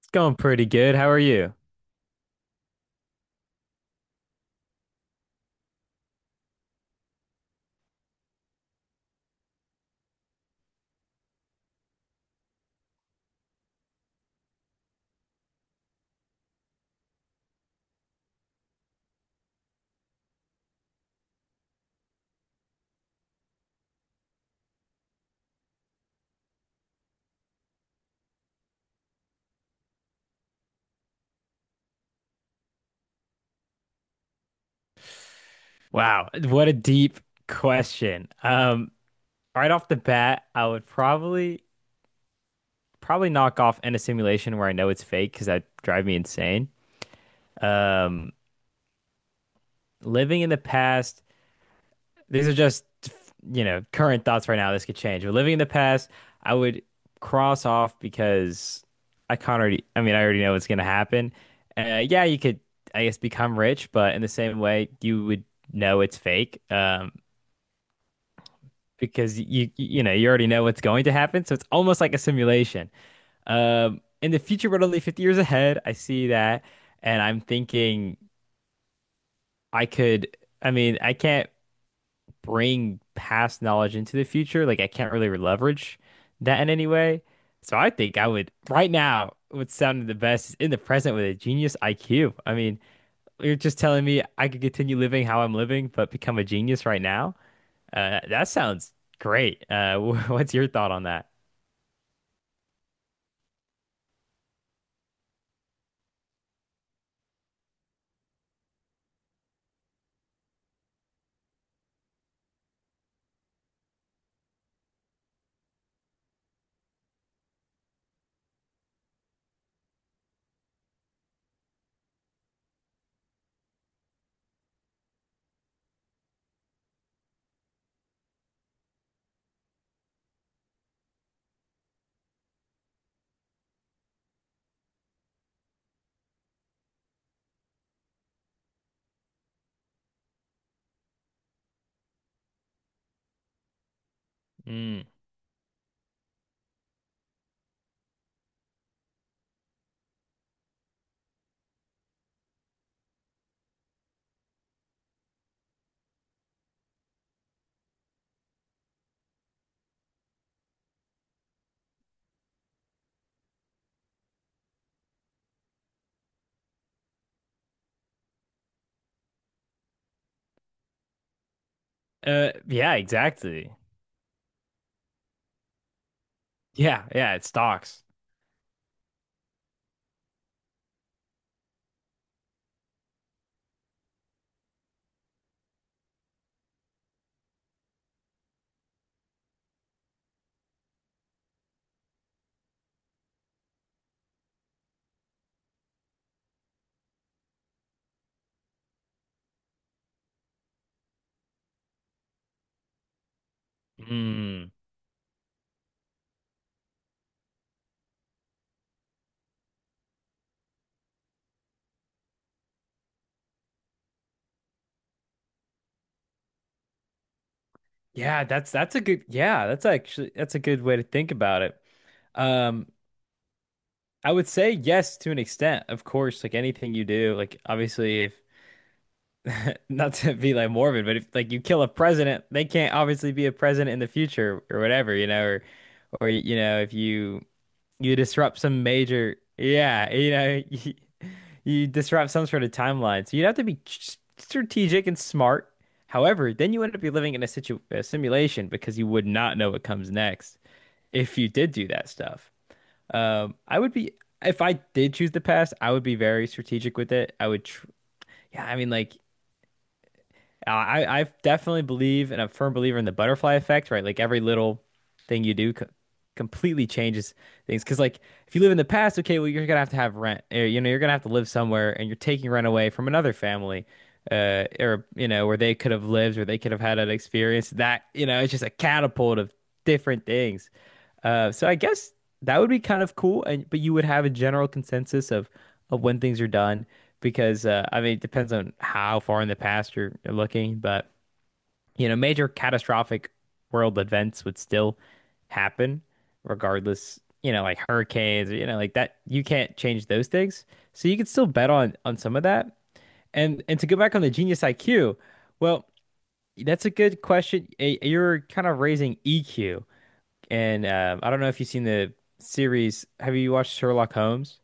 It's going pretty good. How are you? Wow, what a deep question. Right off the bat, I would probably knock off in a simulation where I know it's fake because that drive me insane. Um, living in the past, these are just current thoughts right now. This could change. But living in the past, I would cross off because I can't already. I mean, I already know what's gonna happen. Yeah, you could, I guess, become rich, but in the same way, you would know it's fake. Because you already know what's going to happen, so it's almost like a simulation. In the future, but only 50 years ahead, I see that, and I'm thinking I could. I mean, I can't bring past knowledge into the future. Like I can't really leverage that in any way. So I think I would right now. What's sounded the best is in the present with a genius IQ. I mean, you're just telling me I could continue living how I'm living, but become a genius right now. That sounds great. What's your thought on that? Mm. Yeah, exactly. Yeah, yeah, it stocks. Mm. Yeah, that's a good, yeah, that's actually that's a good way to think about it. Um, I would say yes to an extent, of course, like anything you do, like obviously if not to be like morbid, but if like you kill a president, they can't obviously be a president in the future or whatever, you know, or you know, if you disrupt some major, yeah, you know, you disrupt some sort of timeline. So you'd have to be strategic and smart. However, then you end up be living in a simulation because you would not know what comes next if you did do that stuff. I would be if I did choose the past, I would be very strategic with it. I would tr yeah, I mean, like I definitely believe and I'm a firm believer in the butterfly effect, right? Like every little thing you do co completely changes things. Because like if you live in the past, okay, well you're gonna have to have rent. Or, you know, you're gonna have to live somewhere, and you're taking rent away from another family, or you know where they could have lived, where they could have had an experience. That you know it's just a catapult of different things. So I guess that would be kind of cool, and but you would have a general consensus of when things are done because I mean it depends on how far in the past you're looking, but you know major catastrophic world events would still happen regardless. You know, like hurricanes, you know, like that. You can't change those things, so you can still bet on some of that. And to go back on the genius IQ, well, that's a good question. You're kind of raising EQ. And I don't know if you've seen the series. Have you watched Sherlock Holmes?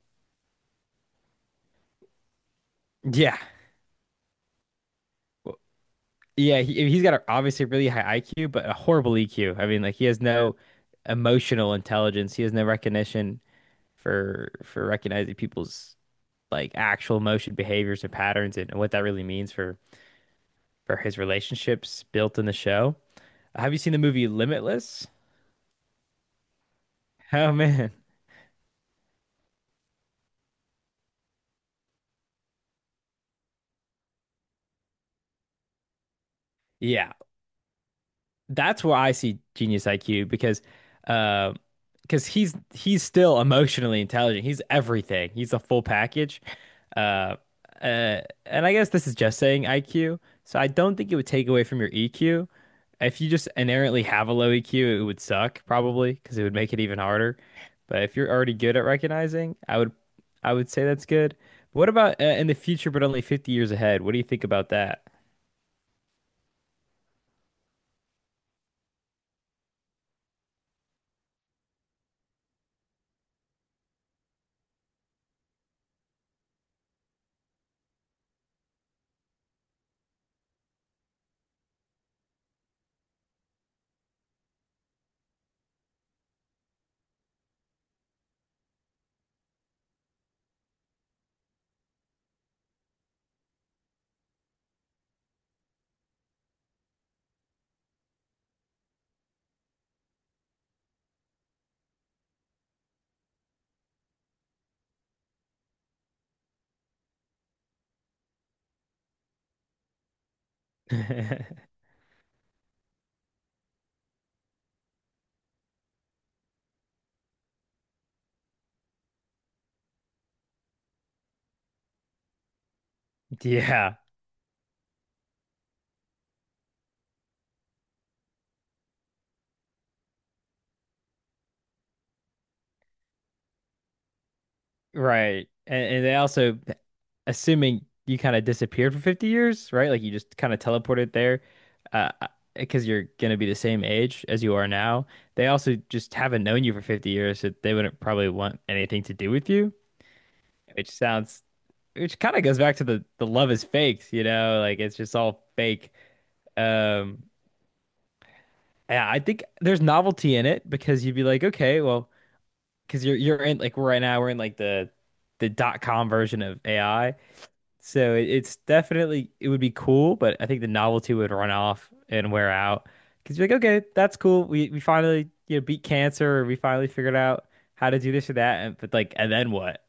Yeah. Yeah, he's got a, obviously a really high IQ, but a horrible EQ. I mean, like he has no emotional intelligence. He has no recognition for recognizing people's like actual emotion behaviors or patterns and what that really means for his relationships built in the show. Have you seen the movie Limitless? Oh man. Yeah. That's where I see genius IQ uh because he's still emotionally intelligent. He's everything. He's a full package. Uh, uh and I guess this is just saying IQ. So I don't think it would take away from your EQ. If you just inherently have a low EQ, it would suck probably because it would make it even harder. But if you're already good at recognizing, I would say that's good. What about in the future but only 50 years ahead? What do you think about that? Yeah. Right. And they also, assuming you kind of disappeared for 50 years, right? Like you just kind of teleported there, uh, because you're going to be the same age as you are now. They also just haven't known you for 50 years, so they wouldn't probably want anything to do with you, which sounds, which kind of goes back to the love is fake, you know, like it's just all fake. Um, yeah, I think there's novelty in it because you'd be like, okay, well, because you're in like right now, we're in like the .com version of AI. So it's definitely it would be cool, but I think the novelty would run off and wear out. Because you're like, okay, that's cool. We finally beat cancer, or we finally figured out how to do this or that. And, but like, and then what?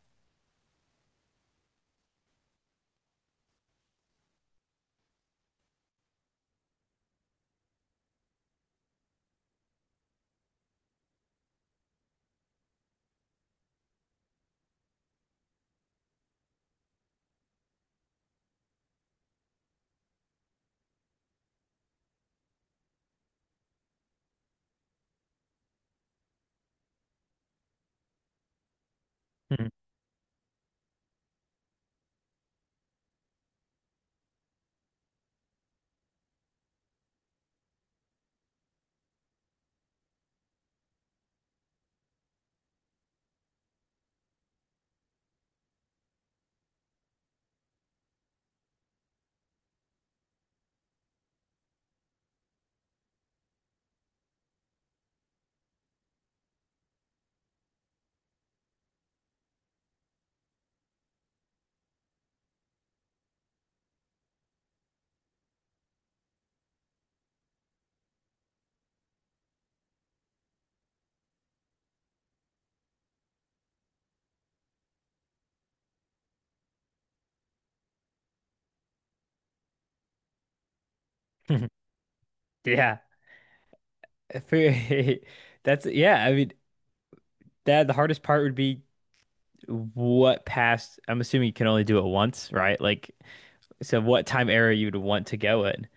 Hmm. Yeah. For- that's, yeah. I mean, that the hardest part would be what past. I'm assuming you can only do it once, right? Like, so what time era you'd want to go in?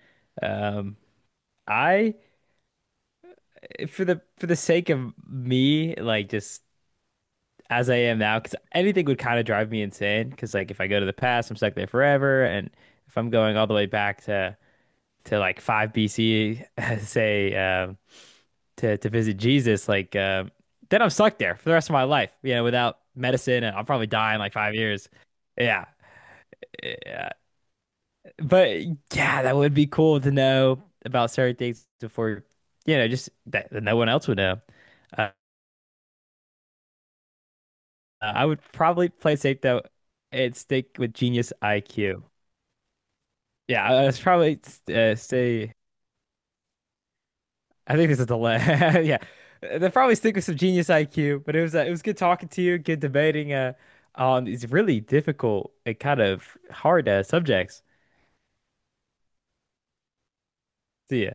Um, I for the sake of me, like just, as I am now, because anything would kind of drive me insane. Because like if I go to the past, I'm stuck there forever, and if I'm going all the way back to like 5 BC, say, to visit Jesus, like, then I'm stuck there for the rest of my life. You know, without medicine, and I'll probably die in like 5 years. Yeah, but yeah, that would be cool to know about certain things before, you know, just that no one else would know. Uh, I would probably play safe though and stick with genius IQ. Yeah, it's probably say I think this is the last. Yeah, they probably stick with some genius IQ, but it was good talking to you, good debating on these really difficult and kind of hard subjects. See ya.